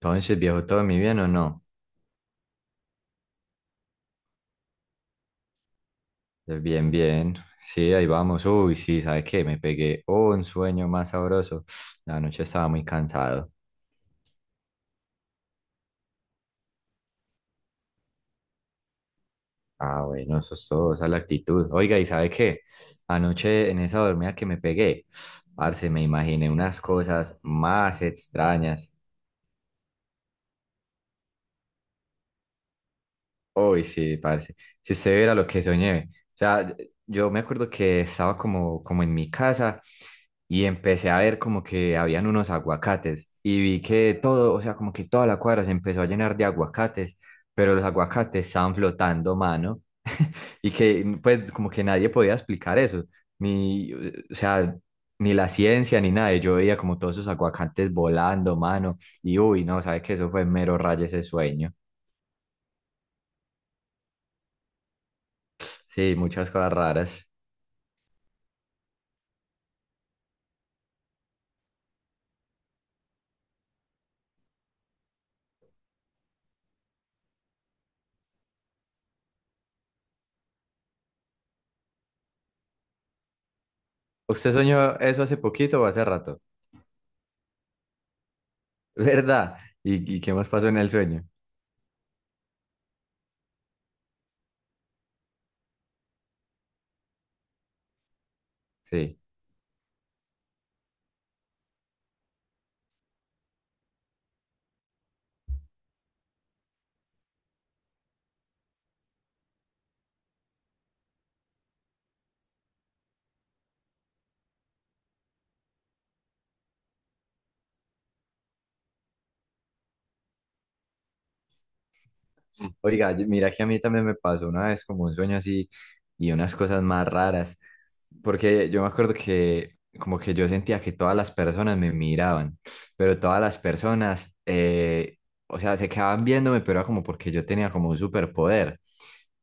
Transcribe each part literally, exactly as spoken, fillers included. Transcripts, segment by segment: Entonces, viejo, ¿todo mi bien o no? Eh, Bien, bien. Sí, ahí vamos. Uy, sí, ¿sabes qué? Me pegué oh, un sueño más sabroso. La noche estaba muy cansado. Ah, bueno, eso es todo, esa es la actitud. Oiga, ¿y sabe qué? Anoche en esa dormida que me pegué, parce, me imaginé unas cosas más extrañas. Uy, sí, parce. Si usted viera lo que soñé. O sea, yo me acuerdo que estaba como, como en mi casa y empecé a ver como que habían unos aguacates y vi que todo, o sea, como que toda la cuadra se empezó a llenar de aguacates, pero los aguacates estaban flotando, mano. Y que pues como que nadie podía explicar eso, ni, o sea, ni la ciencia ni nada. Y yo veía como todos esos aguacates volando, mano. Y uy, no, sabe que eso fue mero rayo ese sueño. Sí, muchas cosas raras. ¿Usted soñó eso hace poquito o hace rato? ¿Verdad? ¿Y, y qué más pasó en el sueño? Sí. Oiga, yo- mira que a mí también me pasó una vez como un sueño así y unas cosas más raras. Porque yo me acuerdo que como que yo sentía que todas las personas me miraban, pero todas las personas, eh, o sea, se quedaban viéndome, pero era como porque yo tenía como un superpoder.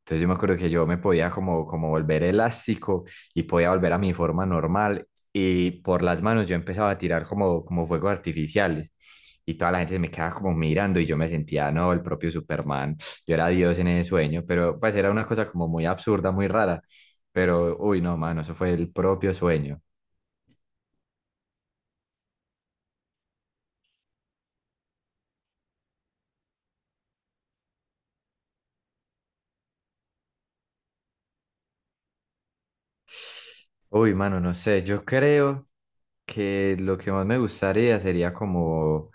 Entonces yo me acuerdo que yo me podía como, como volver elástico y podía volver a mi forma normal y por las manos yo empezaba a tirar como, como fuegos artificiales y toda la gente se me quedaba como mirando y yo me sentía, no, el propio Superman, yo era Dios en ese sueño, pero pues era una cosa como muy absurda, muy rara, pero uy, no, mano, eso fue el propio sueño. Uy, mano, no sé, yo creo que lo que más me gustaría sería como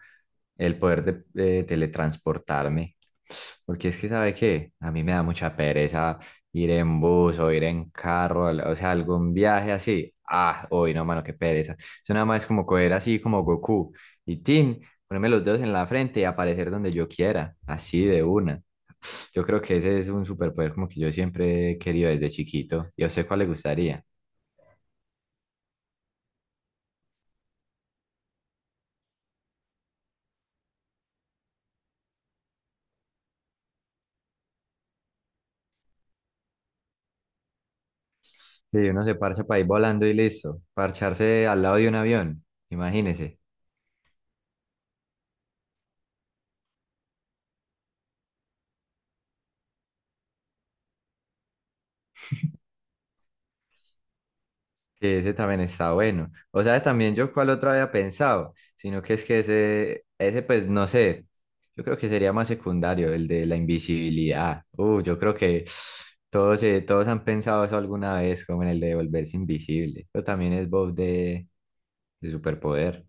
el poder de, eh, teletransportarme, porque es que, ¿sabe qué? A mí me da mucha pereza ir en bus o ir en carro, al- o sea, algún viaje así. Ah, uy, no, mano, qué pereza. Eso nada más es como coger así como Goku y Tin, ponerme los dedos en la frente y aparecer donde yo quiera, así de una. Yo creo que ese es un superpoder como que yo siempre he querido desde chiquito. ¿Y a usted cuál le gustaría? Sí, uno se parcha para ir volando y listo. Parcharse al lado de un avión, imagínese. Que ese también está bueno. O sea, también yo cuál otro había pensado, sino que es que ese, ese pues no sé, yo creo que sería más secundario, el de la invisibilidad. Uh, yo creo que todos, eh, todos han pensado eso alguna vez, como en el de volverse invisible. Pero también es voz de, de superpoder.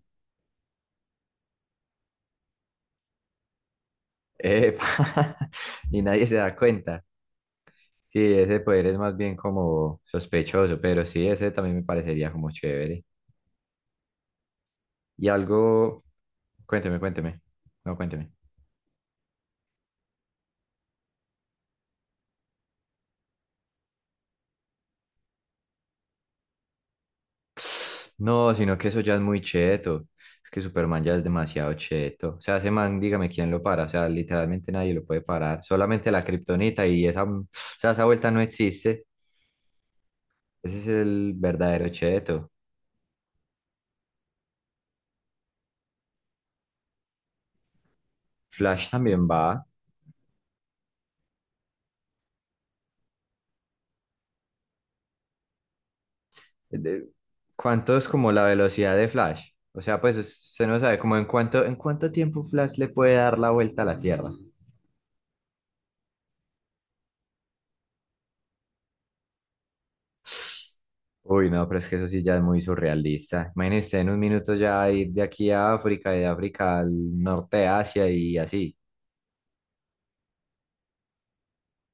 Epa, y nadie se da cuenta. Sí, ese poder es más bien como sospechoso, pero sí, ese también me parecería como chévere. Y algo, cuénteme, cuénteme, no, cuénteme. No, sino que eso ya es muy cheto. Es que Superman ya es demasiado cheto. O sea, ese man, dígame quién lo para. O sea, literalmente nadie lo puede parar. Solamente la kriptonita y esa, o sea, esa vuelta no existe. Ese es el verdadero cheto. Flash también va. de- ¿Cuánto es como la velocidad de Flash? O sea, pues es- se no sabe como en cuánto, en cuánto tiempo Flash le puede dar la vuelta a la Tierra. Uy, no, pero es que eso sí ya es muy surrealista. Imagínese en un minuto ya ir de aquí a África y de África al norte de Asia y así.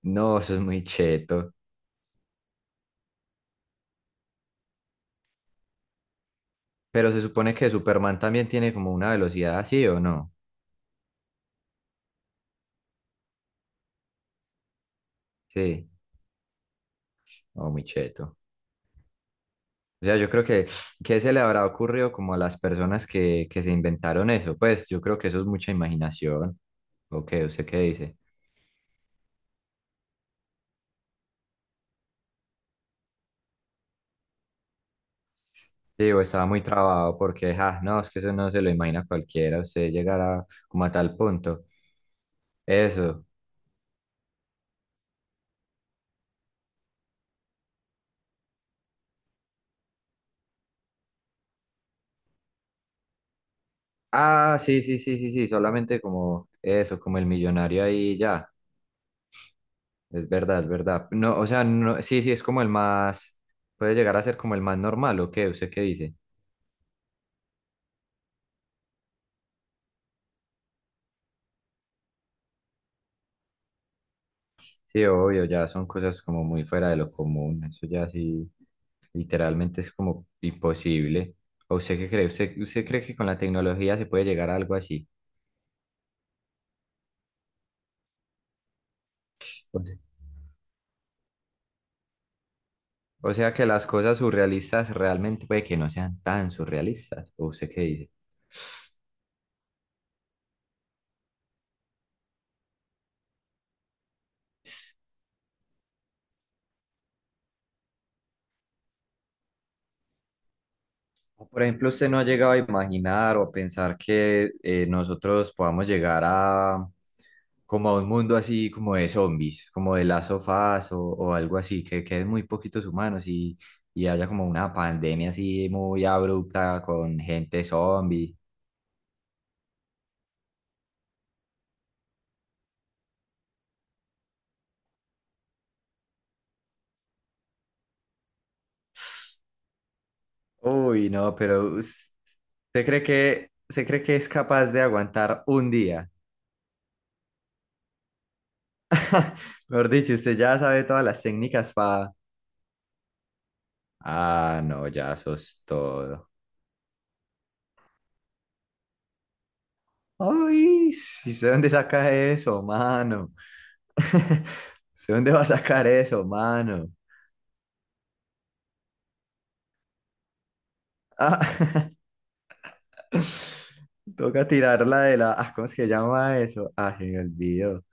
No, eso es muy cheto. Pero se supone que Superman también tiene como una velocidad así, ¿o no? Sí, oh, muy cheto. O sea, yo creo que, ¿qué se le habrá ocurrido como a las personas que, que se inventaron eso? Pues yo creo que eso es mucha imaginación. ¿O qué? ¿Usted qué dice? Sí, o estaba muy trabado porque, ah, no, es que eso no se lo imagina cualquiera, usted llegará como a tal punto. Eso. Ah, sí, sí, sí, sí, sí, solamente como eso, como el millonario ahí ya. Es verdad, es verdad. No, o sea, no, sí, sí, es como el más, puede llegar a ser como el más normal, ¿o qué? ¿Usted qué dice? Sí, obvio, ya son cosas como muy fuera de lo común, eso ya sí, literalmente es como imposible. ¿O usted qué cree? ¿Usted, usted cree que con la tecnología se puede llegar a algo así? O se- o sea, que las cosas surrealistas realmente puede que no sean tan surrealistas, ¿o usted qué dice? O, Por ejemplo, usted no ha llegado a imaginar o a pensar que eh, nosotros podamos llegar a como a un mundo así como de zombies, como de las sofás o, o algo así, que queden muy poquitos humanos y, y haya como una pandemia así muy abrupta con gente zombie. Uy, no, pero us- ¿usted cree que, se cree que es capaz de aguantar un día? Mejor dicho, usted ya sabe todas las técnicas para... Ah, no, ya sos todo. Ay, sí, ¿usted dónde saca eso, mano? ¿Usted dónde va a sacar eso, mano? Ah, toca tirarla de la... ah, ¿cómo es que llama eso? Ah, se me olvidó.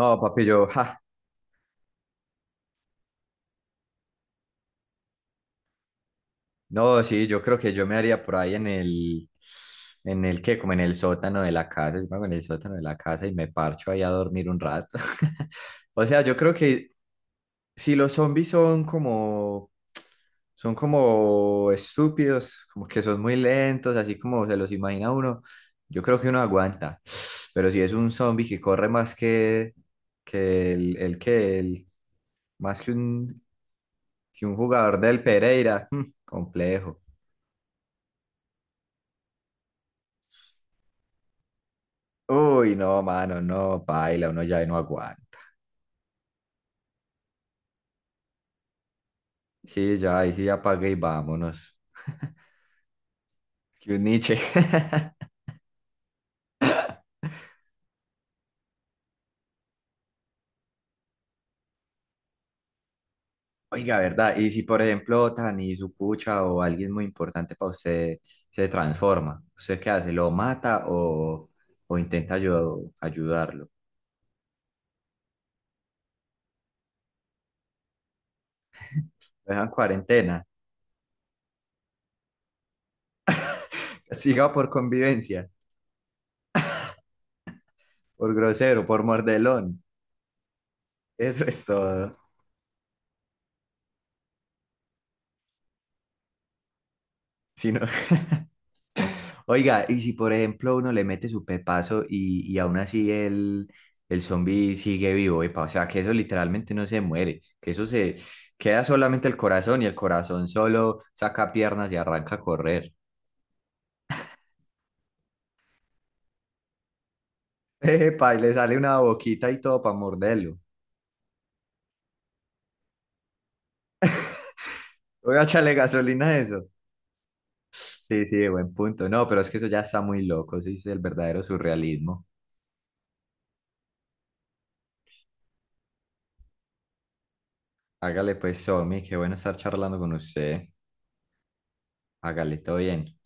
No, papi, yo, ja, no, sí, yo creo que yo me haría por ahí en el, en el que, como en el sótano de la casa, yo me hago en el sótano de la casa y me parcho ahí a dormir un rato. O sea, yo creo que si los zombies son como, son como estúpidos, como que son muy lentos, así como se los imagina uno, yo creo que uno aguanta. Pero si es un zombie que corre más que, que el, el que el, más que un, que un jugador del Pereira. Mm, complejo. Uy, no, mano, no, paila, uno ya ahí no aguanta. Sí, ya, ahí sí ya pagué y vámonos. Que un Nietzsche. Oiga, ¿verdad? Y si, por ejemplo, Tani, su pucha o alguien muy importante para usted se transforma, ¿usted qué hace? ¿Lo mata o, o intenta ayu- ayudarlo? ¿Lo dejan en cuarentena? ¿Siga por convivencia? ¿Por grosero? ¿Por mordelón? Eso es todo. Si no- Oiga, y si por ejemplo uno le mete su pepazo y, y aún así el, el zombie sigue vivo, epa, o sea, que eso literalmente no se muere, que eso se queda solamente el corazón y el corazón solo saca piernas y arranca a correr. Epa, y le sale una boquita y todo para morderlo. Oiga, échale gasolina a eso. Sí, sí, buen punto. No, pero es que eso ya está muy loco, eso es el verdadero surrealismo. Hágale pues, zombie, qué bueno estar charlando con usted. Hágale, todo bien.